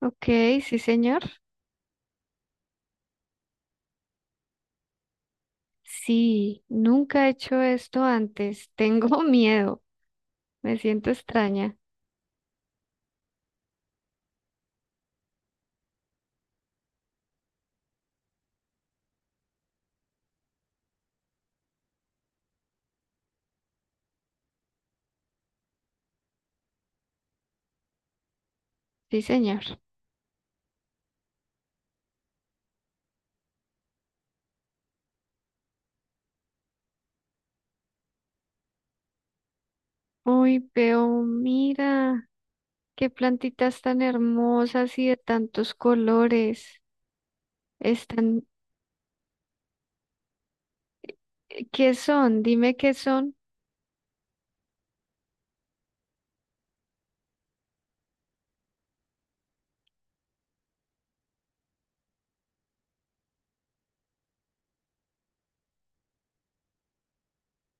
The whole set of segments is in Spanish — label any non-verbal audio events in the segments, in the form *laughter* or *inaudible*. Ok, sí, señor. Sí, nunca he hecho esto antes. Tengo *laughs* miedo. Me siento extraña. Sí, señor. Uy, veo, mira, qué plantitas tan hermosas y de tantos colores. Están, ¿qué son? Dime qué son.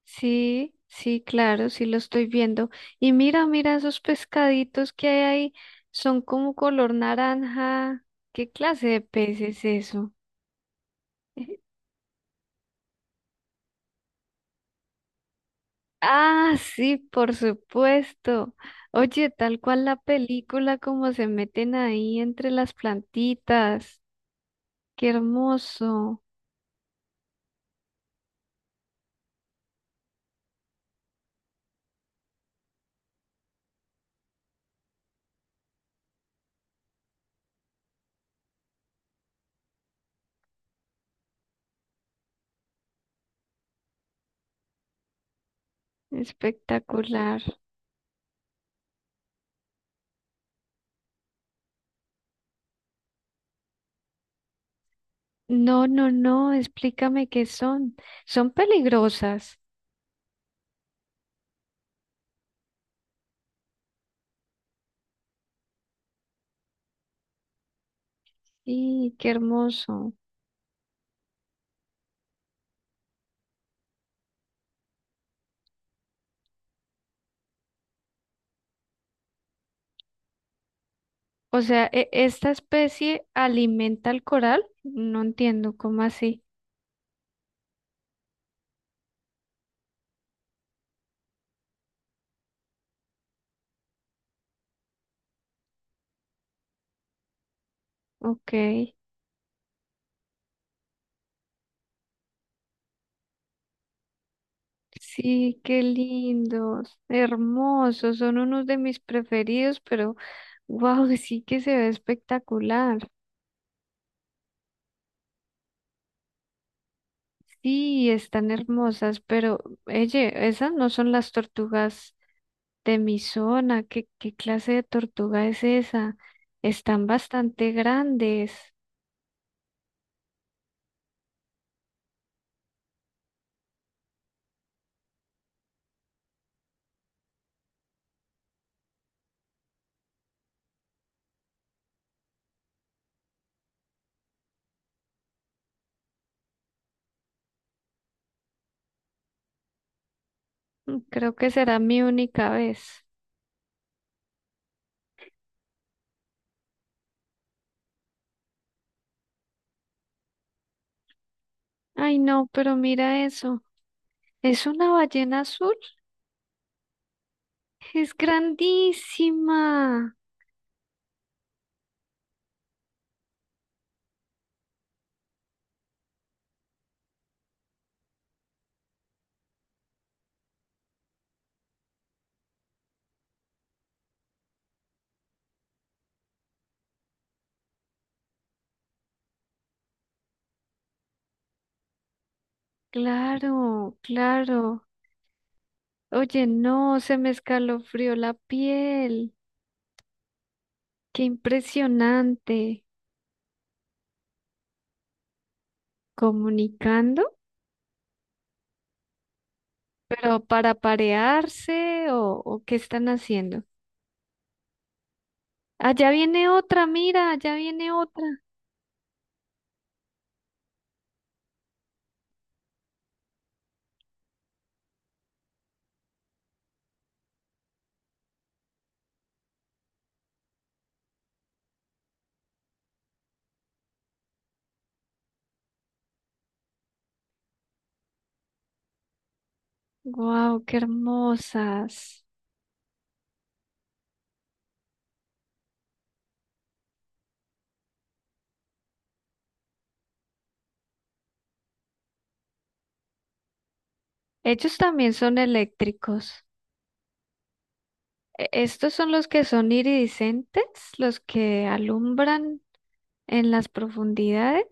Sí, sí, claro, sí lo estoy viendo. Y mira, mira esos pescaditos que hay ahí. Son como color naranja. ¿Qué clase de pez es eso? *laughs* Ah, sí, por supuesto. Oye, tal cual la película, como se meten ahí entre las plantitas. Qué hermoso, espectacular. No, no, no, explícame qué son. Son peligrosas. Y qué hermoso. O sea, ¿esta especie alimenta al coral? No entiendo, ¿cómo así? Ok. Sí, qué lindos, hermosos, son unos de mis preferidos, pero wow, *laughs* sí que se ve espectacular. Sí, están hermosas, pero oye, esas no son las tortugas de mi zona. ¿Qué clase de tortuga es esa? Están bastante grandes. Mm, creo que será mi única vez. Ay, no, pero mira eso. ¿Es una ballena azul? Es grandísima. Claro, claro. Oye, no, se me escalofrió la piel. Qué impresionante. ¿Comunicando? ¿Pero para parearse o qué están haciendo? Allá viene otra, mira, allá viene otra. Wow, qué hermosas. Ellos también son eléctricos. Estos son los que son iridiscentes, los que alumbran en las profundidades.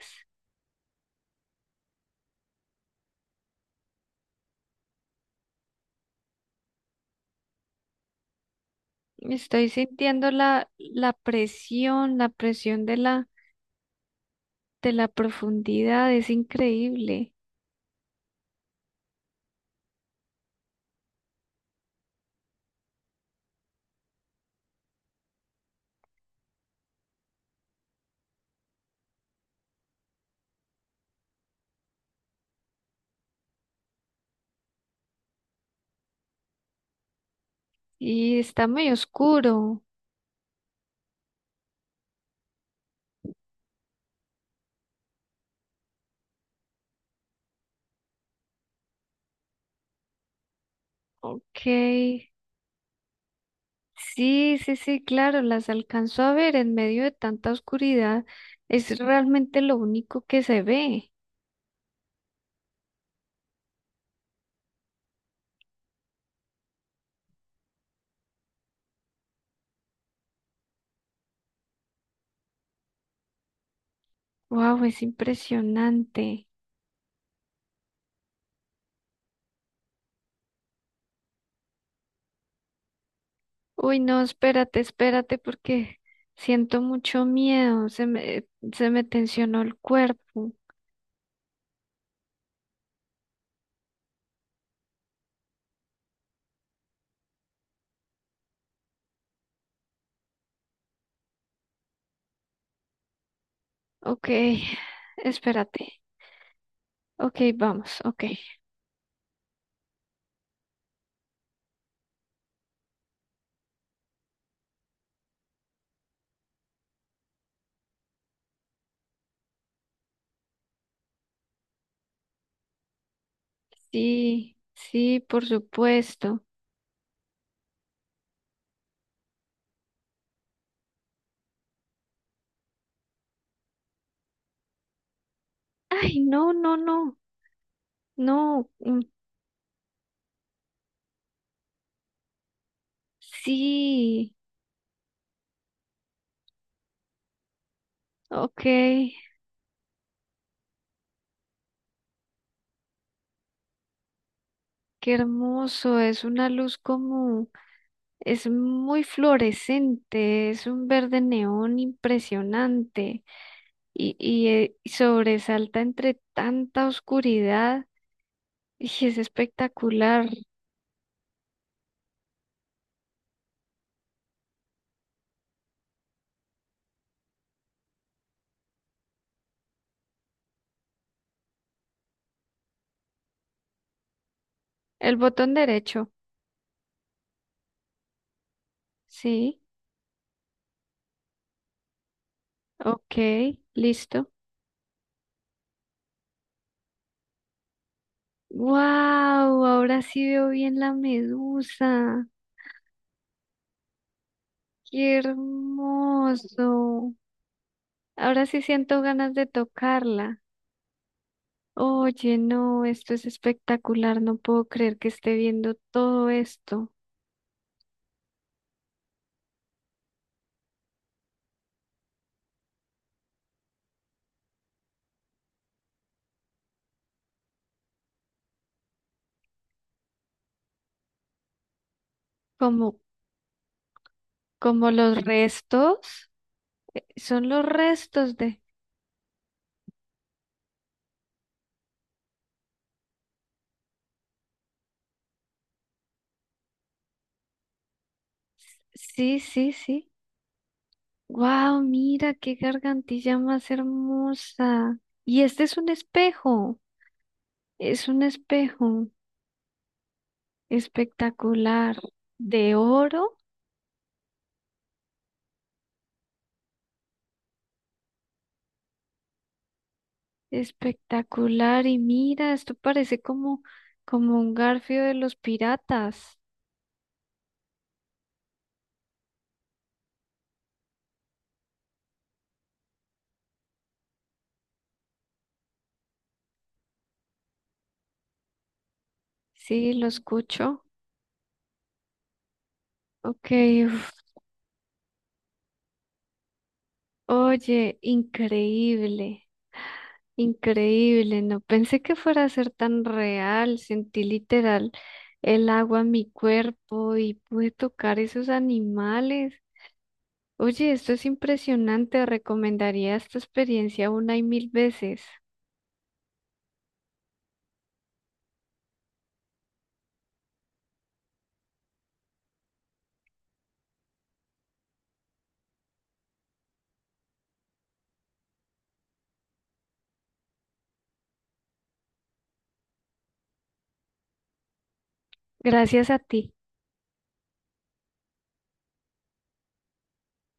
Estoy sintiendo la presión, la presión de la profundidad, es increíble. Y está muy oscuro. Ok. Sí, sí, sí, claro, las alcanzó a ver en medio de tanta oscuridad. Es realmente lo único que se ve. Wow, es impresionante. Uy, no, espérate, espérate, porque siento mucho miedo. Se me tensionó el cuerpo. Ok, espérate. Ok, vamos, ok. Sí, sí, por supuesto. Ay, no, no, no, no. Mm. Sí, ok, qué hermoso. Es una luz como, es muy fluorescente, es un verde neón impresionante y sobresalta entre tanta oscuridad y es espectacular. El botón derecho, sí, ok, listo. Wow, ahora sí veo bien la medusa. Qué hermoso. Ahora sí siento ganas de tocarla. Oye, no, esto es espectacular. No puedo creer que esté viendo todo esto. Como, como los restos. Son los restos de. Sí, sí, sí. Wow, mira qué gargantilla más hermosa. Y este es un espejo. Es un espejo espectacular. De oro. Espectacular. Y mira, esto parece como, como un garfio de los piratas. Sí, lo escucho. Ok, uf. Oye, increíble, increíble. No pensé que fuera a ser tan real. Sentí literal el agua en mi cuerpo y pude tocar esos animales. Oye, esto es impresionante. Recomendaría esta experiencia una y 1000 veces. Gracias a ti.